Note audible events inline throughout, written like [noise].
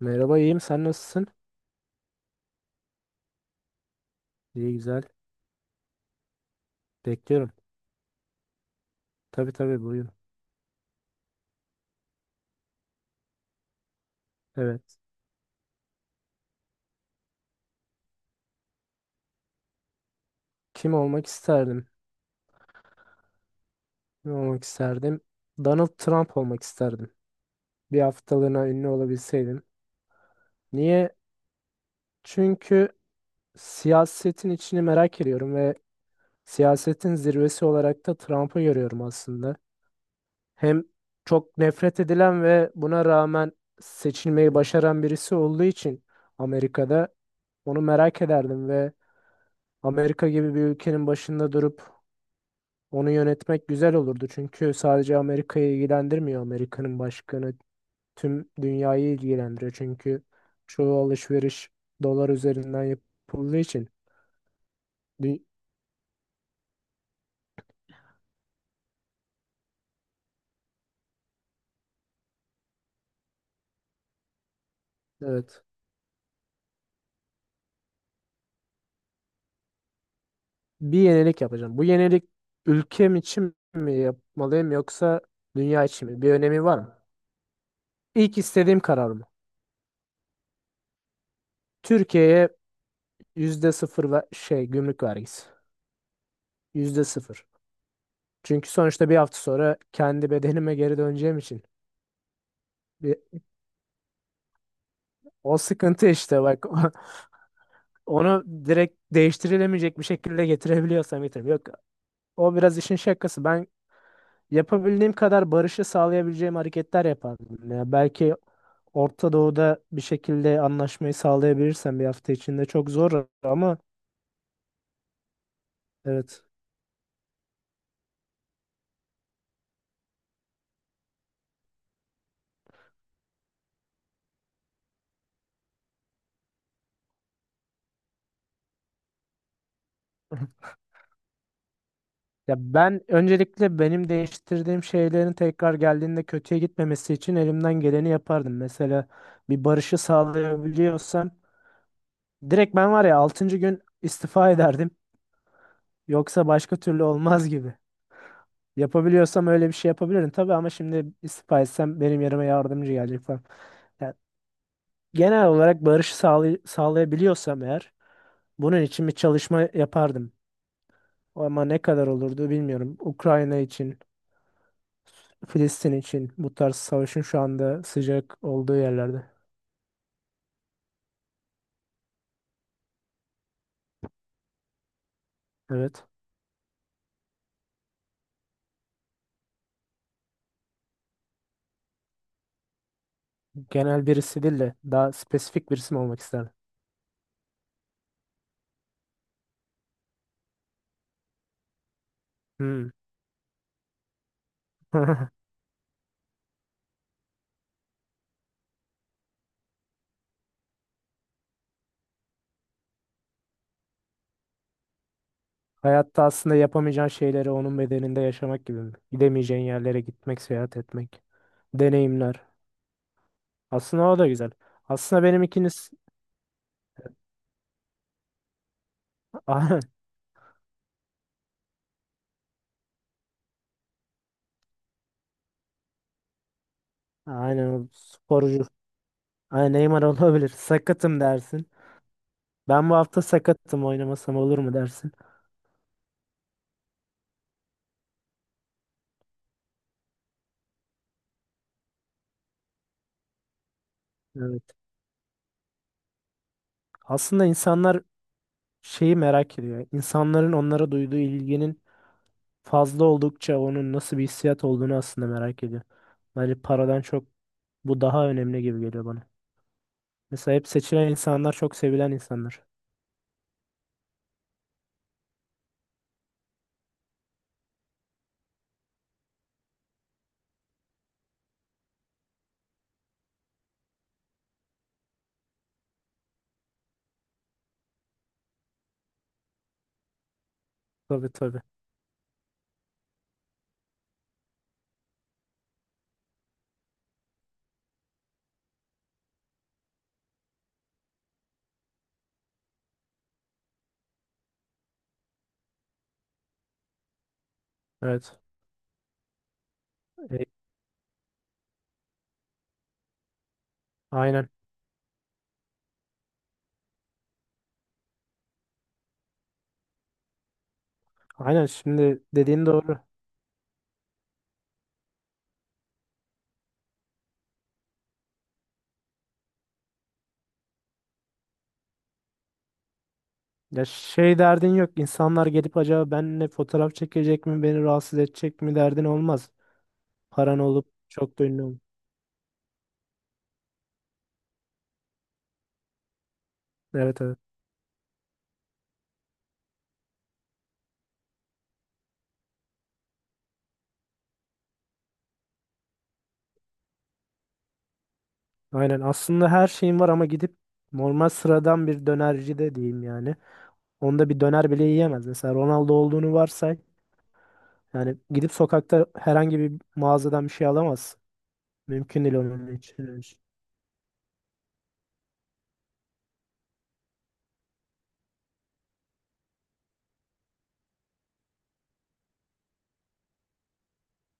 Merhaba, iyiyim, sen nasılsın? İyi, güzel. Bekliyorum. Tabii tabii, buyurun. Evet. Kim olmak isterdim? Kim olmak isterdim? Donald Trump olmak isterdim. Bir haftalığına ünlü olabilseydim. Niye? Çünkü siyasetin içini merak ediyorum ve siyasetin zirvesi olarak da Trump'ı görüyorum aslında. Hem çok nefret edilen ve buna rağmen seçilmeyi başaran birisi olduğu için Amerika'da onu merak ederdim ve Amerika gibi bir ülkenin başında durup onu yönetmek güzel olurdu, çünkü sadece Amerika'yı ilgilendirmiyor, Amerika'nın başkanı tüm dünyayı ilgilendiriyor çünkü çoğu alışveriş dolar üzerinden yapıldığı için. Dü- evet, bir yenilik yapacağım. Bu yenilik ülkem için mi yapmalıyım yoksa dünya için mi? Bir önemi var mı? İlk istediğim karar mı? Türkiye'ye %0 ve şey, gümrük vergisi %0. Çünkü sonuçta bir hafta sonra kendi bedenime geri döneceğim için bir o sıkıntı işte bak. [laughs] Onu direkt değiştirilemeyecek bir şekilde getirebiliyorsam getireyim. Yok, o biraz işin şakası. Ben yapabildiğim kadar barışı sağlayabileceğim hareketler yapardım. Ya belki Orta Doğu'da bir şekilde anlaşmayı sağlayabilirsem bir hafta içinde, çok zor ama evet. [laughs] Ya ben öncelikle benim değiştirdiğim şeylerin tekrar geldiğinde kötüye gitmemesi için elimden geleni yapardım. Mesela bir barışı sağlayabiliyorsam direkt ben var ya altıncı gün istifa ederdim. Yoksa başka türlü olmaz gibi. Yapabiliyorsam öyle bir şey yapabilirim tabii, ama şimdi istifa etsem benim yerime yardımcı gelecek falan. Yani genel olarak barışı sağlayabiliyorsam eğer bunun için bir çalışma yapardım. Ama ne kadar olurdu bilmiyorum. Ukrayna için, Filistin için, bu tarz savaşın şu anda sıcak olduğu yerlerde. Evet. Genel birisi değil de daha spesifik birisi mi olmak isterdim? Hmm. [laughs] Hayatta aslında yapamayacağın şeyleri onun bedeninde yaşamak gibi mi? Gidemeyeceğin yerlere gitmek, seyahat etmek, deneyimler. Aslında o da güzel. Aslında benim ikiniz [laughs] aynen, o sporcu. Aynen, Neymar olabilir. Sakatım dersin. Ben bu hafta sakatım, oynamasam olur mu dersin. Evet. Aslında insanlar şeyi merak ediyor. İnsanların onlara duyduğu ilginin fazla oldukça onun nasıl bir hissiyat olduğunu aslında merak ediyor. Bence paradan çok bu daha önemli gibi geliyor bana. Mesela hep seçilen insanlar çok sevilen insanlar. Tabii tabii. Evet. E, aynen. Aynen, şimdi dediğin doğru. Ya şey derdin yok. İnsanlar gelip acaba benimle fotoğraf çekecek mi, beni rahatsız edecek mi derdin olmaz. Paran olup çok da ünlü ol. Evet evet. Aynen. Aslında her şeyin var ama gidip normal sıradan bir dönerci de diyeyim yani. Onda bir döner bile yiyemez. Mesela Ronaldo olduğunu varsay. Yani gidip sokakta herhangi bir mağazadan bir şey alamaz. Mümkün değil onun için.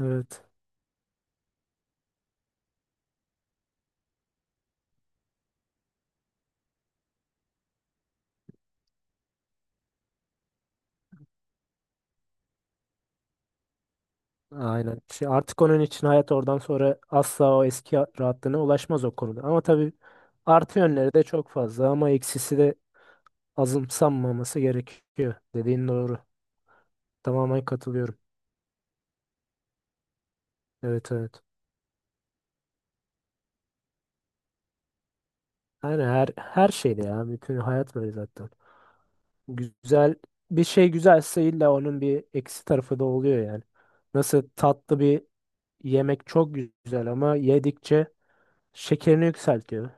Evet. Aynen. Şey, artık onun için hayat oradan sonra asla o eski rahatlığına ulaşmaz o konuda. Ama tabii, artı yönleri de çok fazla ama eksisi de azımsanmaması gerekiyor. Dediğin doğru. Tamamen katılıyorum. Evet evet. Yani her şeyde ya. Bütün hayat böyle zaten. Güzel bir şey güzelse illa onun bir eksi tarafı da oluyor yani. Nasıl tatlı bir yemek çok güzel ama yedikçe şekerini yükseltiyor.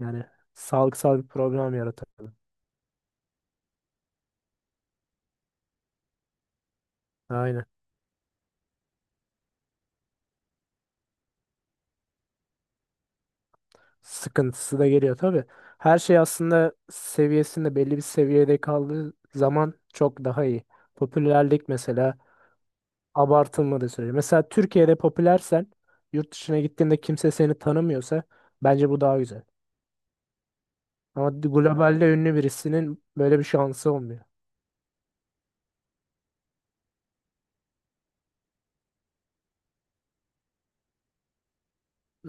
Yani sağlıksal bir problem yaratıyor. Aynen. Sıkıntısı da geliyor tabii. Her şey aslında seviyesinde, belli bir seviyede kaldığı zaman çok daha iyi. Popülerlik mesela abartılmadığı sürece. Mesela Türkiye'de popülersen yurt dışına gittiğinde kimse seni tanımıyorsa bence bu daha güzel. Ama globalde ünlü birisinin böyle bir şansı olmuyor.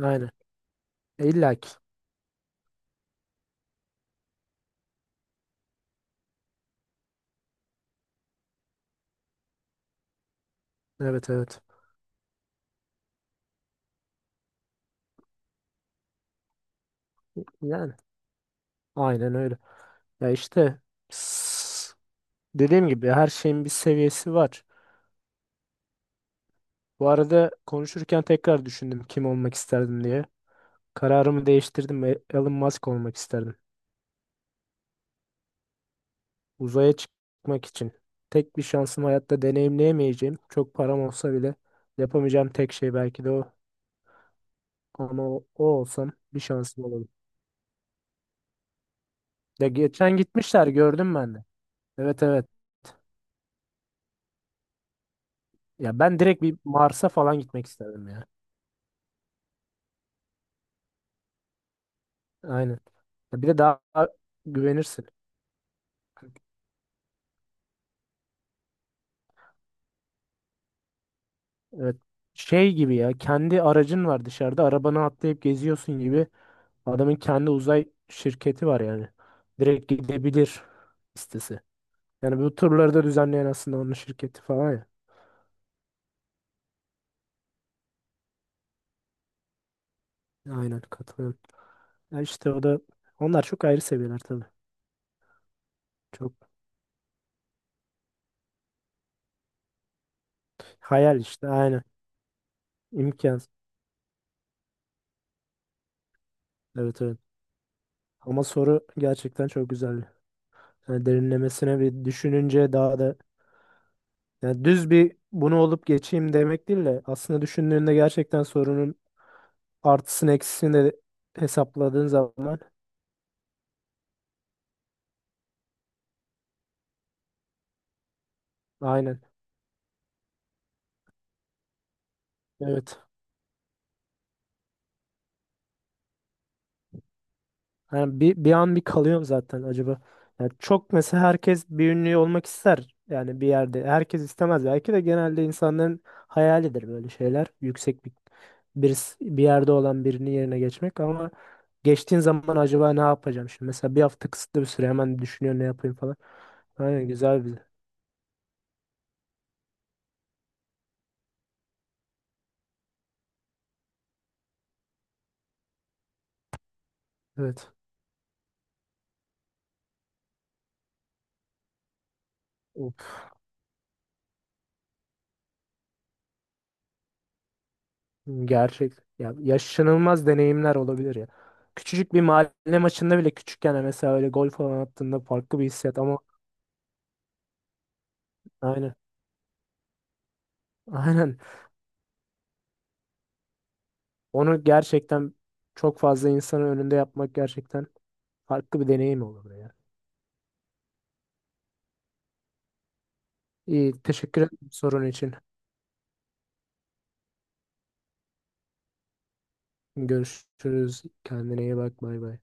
Aynen. E, İlla ki. Evet evet. Yani aynen öyle. Ya işte, s- dediğim gibi her şeyin bir seviyesi var. Bu arada konuşurken tekrar düşündüm kim olmak isterdim diye. Kararımı değiştirdim ve Elon Musk olmak isterdim. Uzaya çıkmak için. Tek bir şansım, hayatta deneyimleyemeyeceğim. Çok param olsa bile yapamayacağım tek şey belki de o. Ama o olsam bir şansım olur. Ya geçen gitmişler gördüm ben de. Evet evet. Ya ben direkt bir Mars'a falan gitmek isterdim ya. Aynen. Ya bir de daha güvenirsin. Evet. Şey gibi ya, kendi aracın var dışarıda, arabana atlayıp geziyorsun gibi. Adamın kendi uzay şirketi var yani. Direkt gidebilir listesi. Yani bu turları da düzenleyen aslında onun şirketi falan ya. Aynen katılıyorum. Ya işte o da, onlar çok ayrı seviyeler tabii. Çok hayal işte, aynen. İmkansız. Evet evet. Ama soru gerçekten çok güzel. Yani derinlemesine bir düşününce daha da, yani düz bir bunu olup geçeyim demek değil de aslında düşündüğünde gerçekten sorunun artısını eksisini de hesapladığın zaman aynen. Evet. Yani bir an bir kalıyorum zaten acaba. Yani çok mesela herkes bir ünlü olmak ister yani bir yerde. Herkes istemez. Belki de genelde insanların hayalidir böyle şeyler. Yüksek bir birisi, bir yerde olan birinin yerine geçmek, ama geçtiğin zaman acaba ne yapacağım şimdi? Mesela bir hafta kısıtlı bir süre, hemen düşünüyor ne yapayım falan. Aynen, güzel bir. Evet. Of, gerçek. Ya yaşanılmaz deneyimler olabilir ya. Küçücük bir mahalle maçında bile, küçükken mesela öyle gol falan attığında farklı bir hissiyat ama aynen. Aynen. Onu gerçekten çok fazla insanın önünde yapmak gerçekten farklı bir deneyim olurdu ya. İyi, teşekkür ederim sorun için. Görüşürüz. Kendine iyi bak. Bay bay.